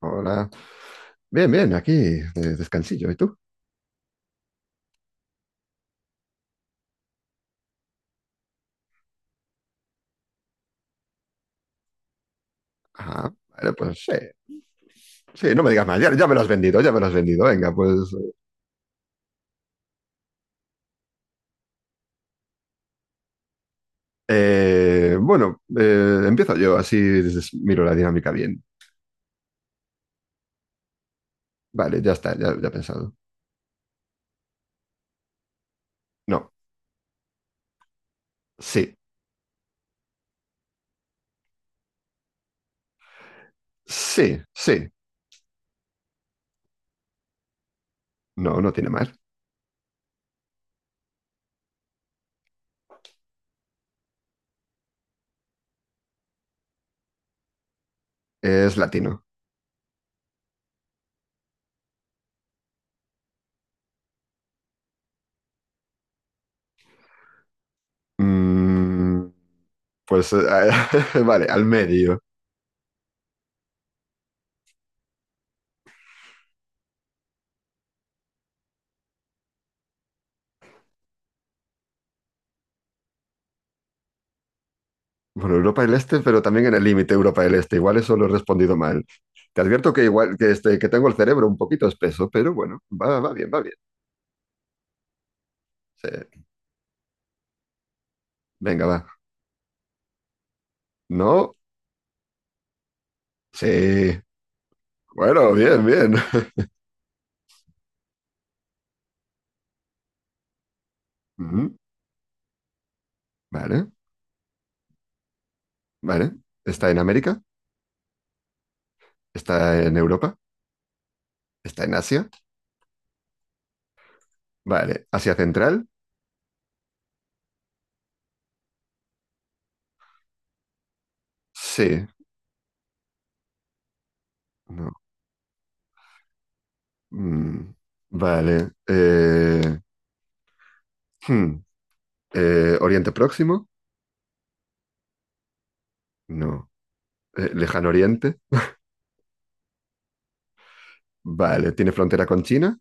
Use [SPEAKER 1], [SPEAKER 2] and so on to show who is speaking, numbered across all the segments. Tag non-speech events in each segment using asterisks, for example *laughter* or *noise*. [SPEAKER 1] Hola. Bien, bien, aquí, descansillo. ¿Y tú? Ah, vale, pues sí. Sí, no me digas más. Ya, ya me lo has vendido, ya me lo has vendido. Venga, pues. Bueno, empiezo yo, así miro la dinámica bien. Vale, ya está, ya, ya he pensado. No, sí, sí, sí. No, no tiene más. Es latino. Mm, pues, *laughs* vale, al medio. Bueno, Europa del Este, pero también en el límite Europa del Este. Igual eso lo he respondido mal. Te advierto que igual que, este, que tengo el cerebro un poquito espeso, pero bueno, va, va bien, va bien. Sí. Venga, va. No, sí. Bueno, bien, bien. *laughs* Ujú. Vale, vale. ¿Está en América? ¿Está en Europa? ¿Está en Asia? Vale. ¿Asia Central? Sí. No. Mm. Vale. Hmm. ¿Oriente Próximo? No. ¿Lejano Oriente? Vale. ¿Tiene frontera con China?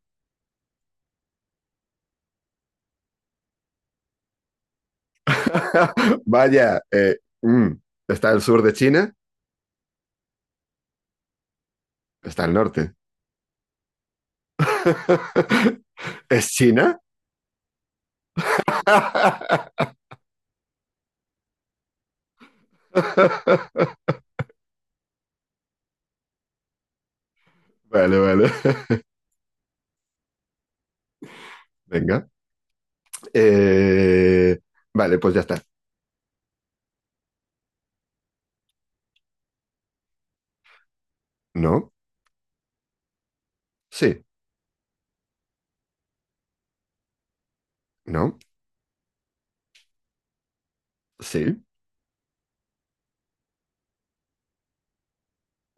[SPEAKER 1] *laughs* Vaya, está el sur de China, está el norte. *laughs* ¿Es China? *laughs* Vale, vale. Venga. Eh, vale, pues ya está. No, sí, no, sí.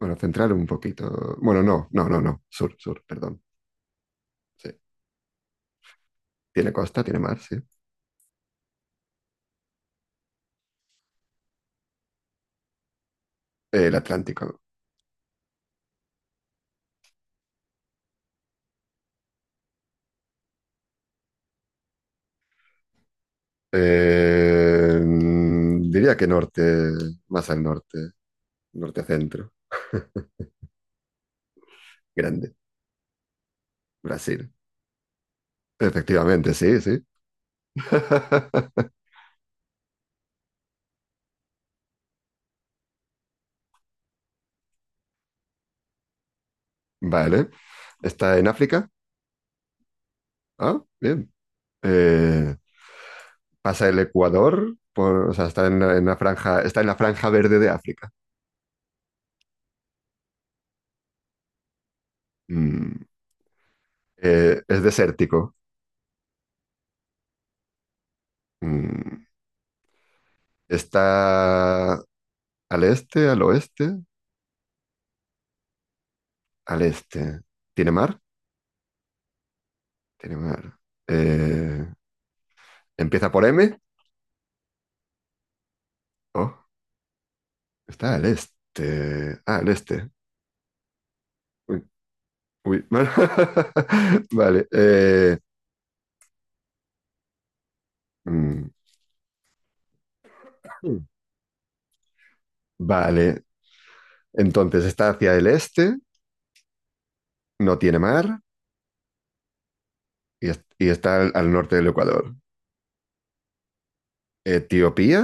[SPEAKER 1] Bueno, centrar un poquito. Bueno, no, no, no, no. Sur, sur, perdón. Sí. Tiene costa, tiene mar, sí. El Atlántico. Diría que norte, más al norte, norte-centro, grande, Brasil. Efectivamente, sí, sí. *laughs* Vale. ¿Está en África? Ah, bien. Eh, pasa el Ecuador, o sea, está en en la franja, está en la franja verde de África. Mm, es desértico. Mm, está al este, al oeste, al este. ¿Tiene mar? Tiene mar. Eh, ¿Empieza por M? Oh, está al este. Ah, al este. Uy, uy. *laughs* Vale. Mm, Vale, entonces está hacia el este, no tiene mar y, y está al, al norte del Ecuador. Etiopía,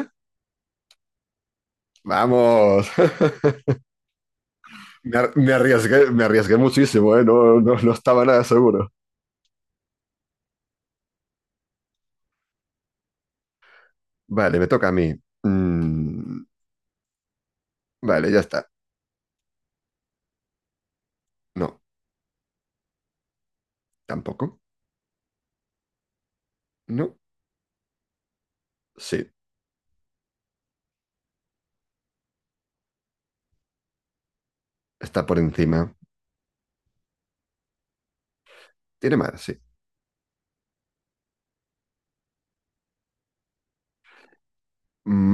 [SPEAKER 1] vamos. *laughs* Me arriesgué muchísimo, ¿eh? No, no, no estaba nada seguro. Vale, me toca a mí. Mm, vale, ya está. No, tampoco. No, sí, está por encima. Tiene mar, sí.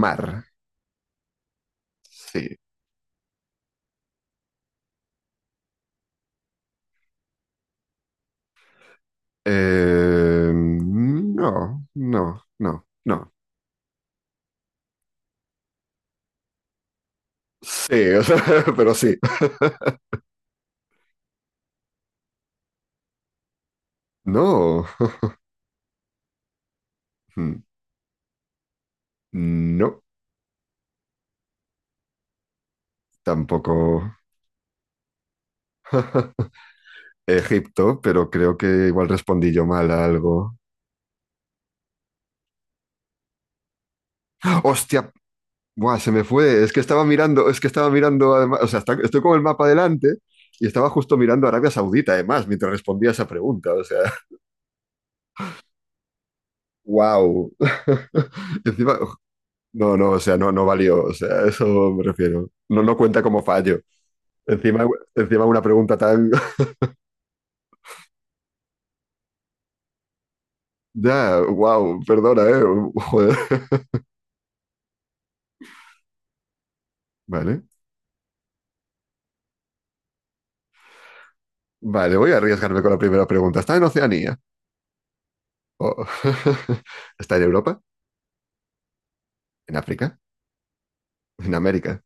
[SPEAKER 1] Mar, sí. No, no, no, no. Sí, *laughs* o sea, pero sí. No. Hmm. No, tampoco. *laughs* Egipto, pero creo que igual respondí yo mal a algo. ¡Hostia! Buah, se me fue. Es que estaba mirando, es que estaba mirando, además, o sea, estoy con el mapa delante y estaba justo mirando Arabia Saudita, además, mientras respondía esa pregunta. O sea, wow. *laughs* Encima, no, no, o sea, no, no valió. O sea, a eso me refiero. No, no cuenta como fallo. Encima, encima una pregunta tan. *laughs* Ya, wow, perdona, eh. Joder. Vale. Vale, voy a arriesgarme con la primera pregunta. ¿Está en Oceanía? O- *laughs* ¿Está en Europa? ¿En África? ¿En América?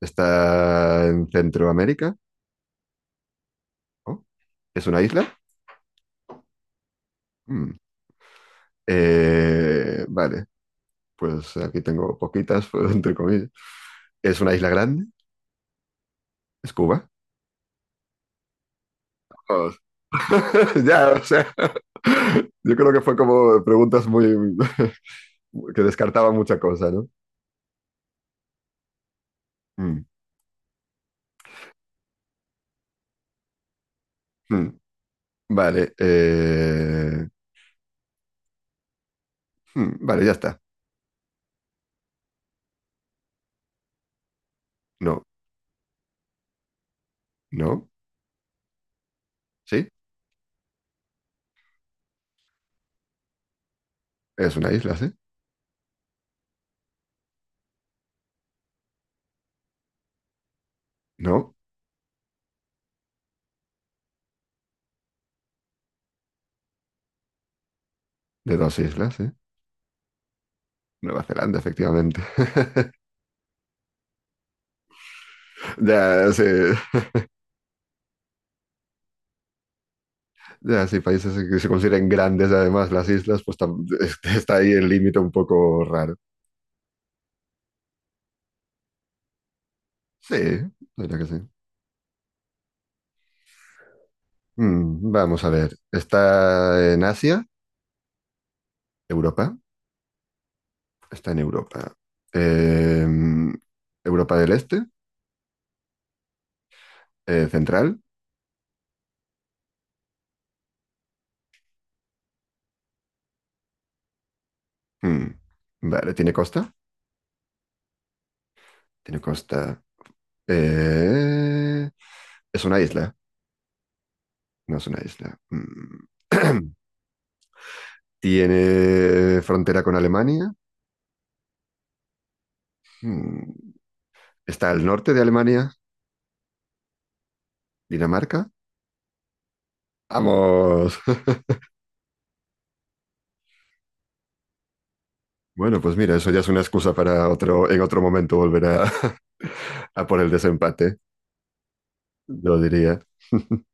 [SPEAKER 1] ¿Está en Centroamérica? ¿O ¿Es una isla? Mm. Vale, pues aquí tengo poquitas, *laughs* pues, entre comillas. ¿Es una isla grande? ¿Es Cuba? Vamos. *laughs* Ya, o sea, *laughs* yo creo que fue como preguntas muy *laughs* que descartaban mucha cosa, ¿no? Mm. Mm. Vale, vale, ya está. No, no. Sí, es una isla, sí. No, de dos islas, sí. Nueva Zelanda, efectivamente. *laughs* Ya, sí, ya, sí, países que se consideren grandes, además, las islas, pues está ahí el límite un poco raro. Sí, diría que sí. Vamos a ver. ¿Está en Asia? ¿Europa? Está en Europa. Eh, ¿Europa del Este? ¿Central? Mm, vale, ¿tiene costa? Tiene costa. Eh, es una isla. No es una isla. Mm. *clears throat* Tiene frontera con Alemania. Mm. Está al norte de Alemania, Dinamarca. Vamos. *laughs* Bueno, pues mira, eso ya es una excusa para otro, en otro momento volver a, *laughs* a por el desempate, lo diría. *laughs*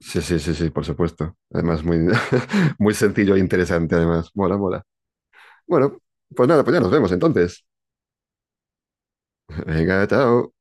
[SPEAKER 1] Sí, sí, sí, sí, por supuesto. Además, muy, *laughs* muy sencillo e interesante, además. Mola, mola. Bueno, pues nada, pues ya nos vemos entonces. Venga, chao.